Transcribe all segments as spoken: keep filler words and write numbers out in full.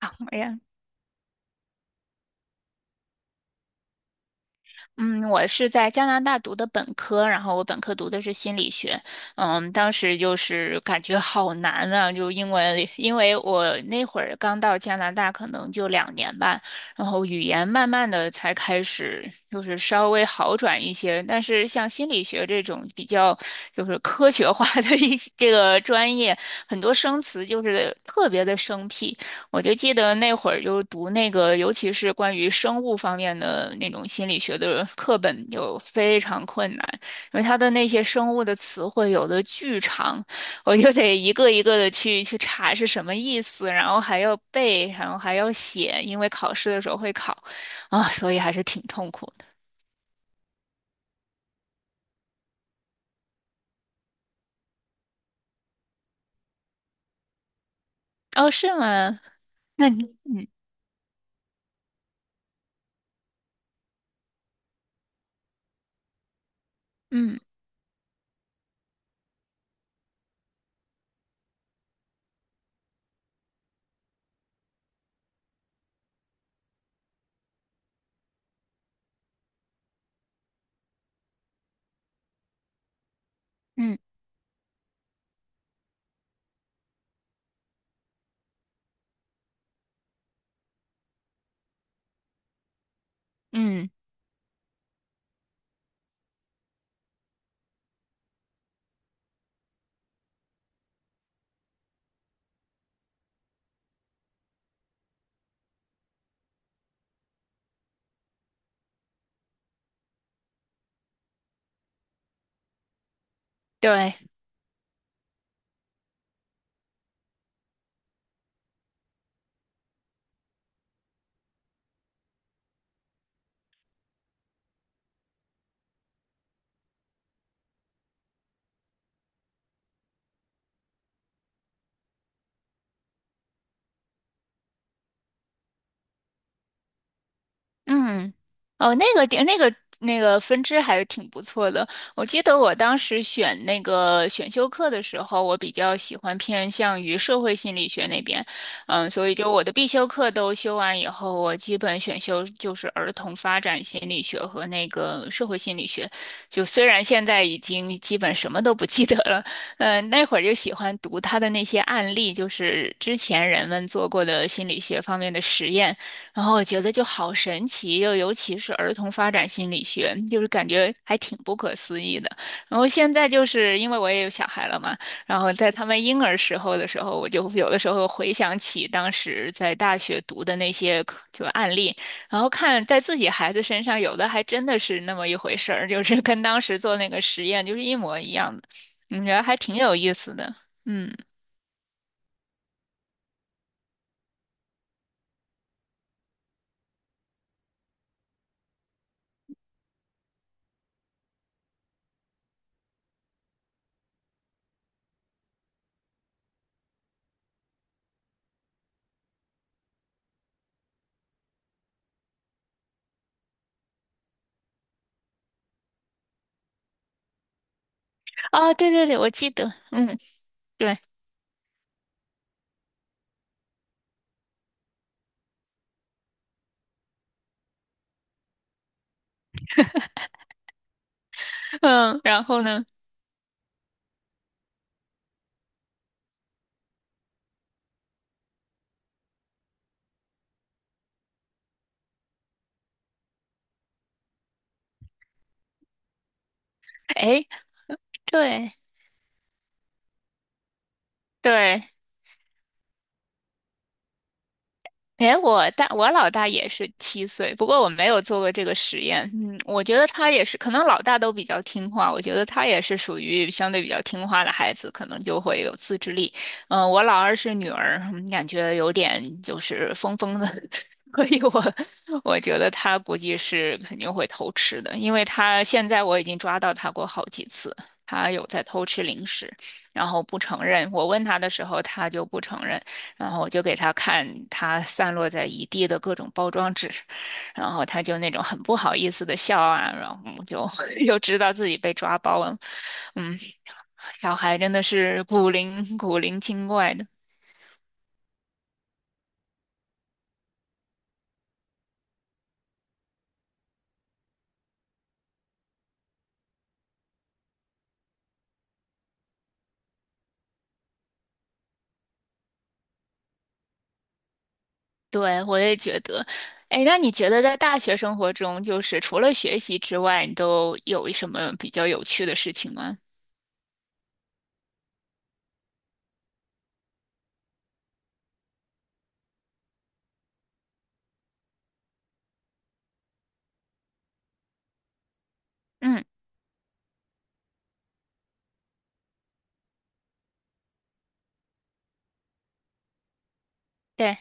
好呀，嗯，我是在加拿大读的本科，然后我本科读的是心理学。嗯，当时就是感觉好难啊，就英文，因为我那会儿刚到加拿大，可能就两年吧，然后语言慢慢的才开始就是稍微好转一些，但是像心理学这种比较就是科学化的 一些这个专业，很多生词就是特别的生僻。我就记得那会儿就读那个，尤其是关于生物方面的那种心理学的课本，就非常困难，因为它的那些生物的词汇有的巨长，我就得一个一个的去去查是什么意思，然后还要背，然后还要写，因为考试的时候会考啊，所以还是挺痛苦的。哦，是吗？那你嗯嗯嗯嗯，对。嗯，哦，那个点，那个那个分支还是挺不错的。我记得我当时选那个选修课的时候，我比较喜欢偏向于社会心理学那边。嗯，所以就我的必修课都修完以后，我基本选修就是儿童发展心理学和那个社会心理学。就虽然现在已经基本什么都不记得了，嗯，那会儿就喜欢读他的那些案例，就是之前人们做过的心理学方面的实验。然后我觉得就好神奇，又尤其是儿童发展心理学，就是感觉还挺不可思议的。然后现在就是因为我也有小孩了嘛，然后在他们婴儿时候的时候，我就有的时候回想起当时在大学读的那些课就案例，然后看在自己孩子身上，有的还真的是那么一回事儿，就是跟当时做那个实验就是一模一样的，嗯，觉得还挺有意思的。嗯，哦，对对对，我记得。嗯，对。嗯，然后呢？哎，对。对，哎，我大我老大也是七岁，不过我没有做过这个实验。嗯，我觉得他也是，可能老大都比较听话，我觉得他也是属于相对比较听话的孩子，可能就会有自制力。嗯、我老二是女儿，嗯感觉有点就是疯疯的，所以我我觉得他估计是肯定会偷吃的，因为他现在我已经抓到他过好几次，他有在偷吃零食，然后不承认。我问他的时候，他就不承认。然后我就给他看他散落在一地的各种包装纸，然后他就那种很不好意思的笑啊，然后我就 又知道自己被抓包了。嗯，小孩真的是古灵古灵精怪的。对，我也觉得。哎，那你觉得在大学生活中，就是除了学习之外，你都有什么比较有趣的事情吗？嗯，对，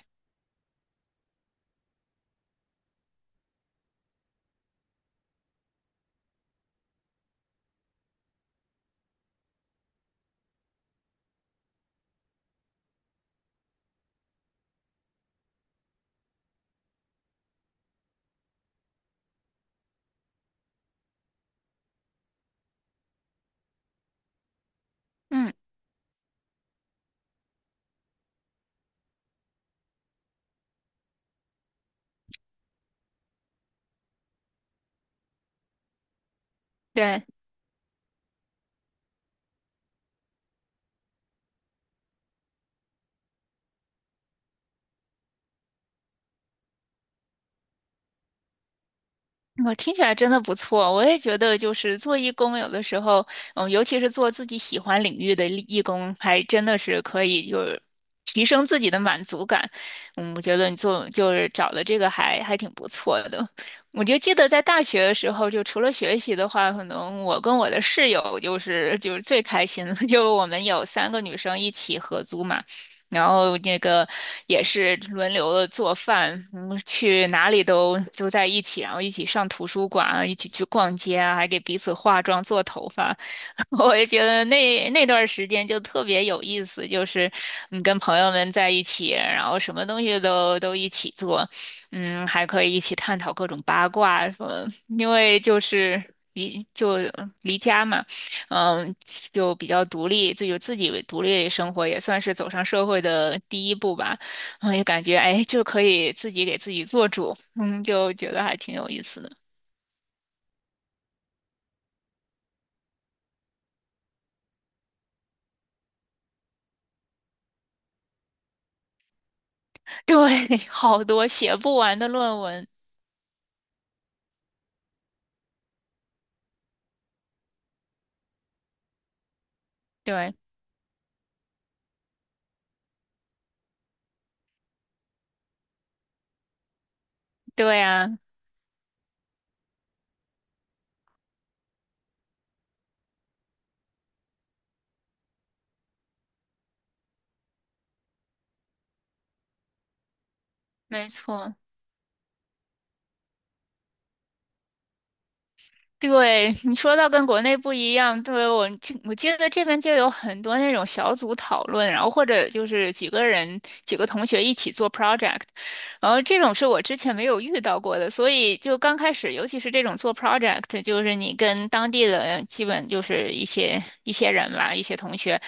嗯，对。我听起来真的不错，我也觉得就是做义工，有的时候，嗯，尤其是做自己喜欢领域的义义工，还真的是可以就是提升自己的满足感。嗯，我觉得你做就是找的这个还还挺不错的。我就记得在大学的时候，就除了学习的话，可能我跟我的室友就是就是最开心的，就我们有三个女生一起合租嘛。然后那个也是轮流的做饭，嗯，去哪里都都在一起，然后一起上图书馆啊一起去逛街啊，还给彼此化妆、做头发。我也觉得那那段时间就特别有意思，就是嗯，跟朋友们在一起，然后什么东西都都一起做，嗯，还可以一起探讨各种八卦什么，因为就是离就嗯离家嘛。嗯，就比较独立，自己自己为独立生活，也算是走上社会的第一步吧。嗯，也感觉哎，就可以自己给自己做主，嗯，就觉得还挺有意思的。对，好多写不完的论文。对，对啊，没错。对，你说到跟国内不一样，对，我这我记得这边就有很多那种小组讨论，然后或者就是几个人几个同学一起做 project，然后这种是我之前没有遇到过的，所以就刚开始，尤其是这种做 project，就是你跟当地的基本就是一些一些人吧，一些同学，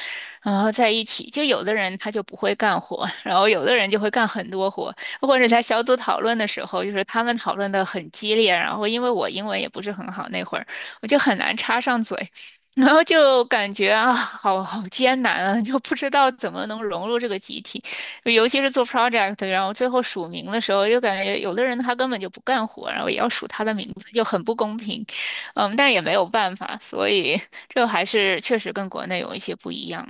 然后在一起，就有的人他就不会干活，然后有的人就会干很多活。或者在小组讨论的时候，就是他们讨论的很激烈，然后因为我英文也不是很好，那会儿我就很难插上嘴。然后就感觉啊，好好艰难啊，就不知道怎么能融入这个集体，尤其是做 project，然后最后署名的时候，就感觉有的人他根本就不干活，然后也要署他的名字，就很不公平。嗯，但也没有办法，所以这还是确实跟国内有一些不一样。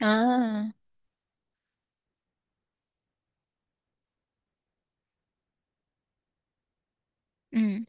嗯嗯。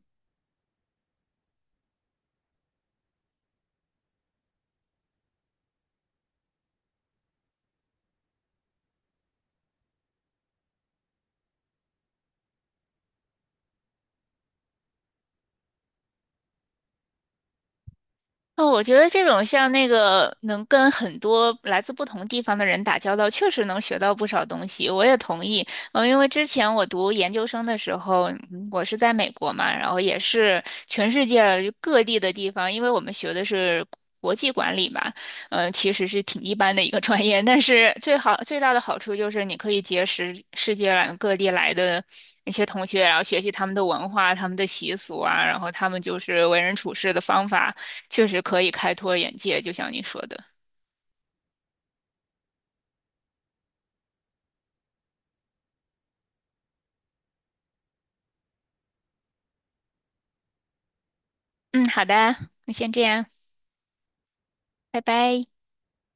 哦，我觉得这种像那个能跟很多来自不同地方的人打交道，确实能学到不少东西。我也同意。嗯，因为之前我读研究生的时候，嗯我是在美国嘛，然后也是全世界各地的地方，因为我们学的是国际管理嘛，嗯，其实是挺一般的一个专业，但是最好最大的好处就是你可以结识世界来各地来的那些同学，然后学习他们的文化、他们的习俗啊，然后他们就是为人处事的方法。确实可以开拓眼界，就像你说的。嗯，好的，那先这样，拜拜。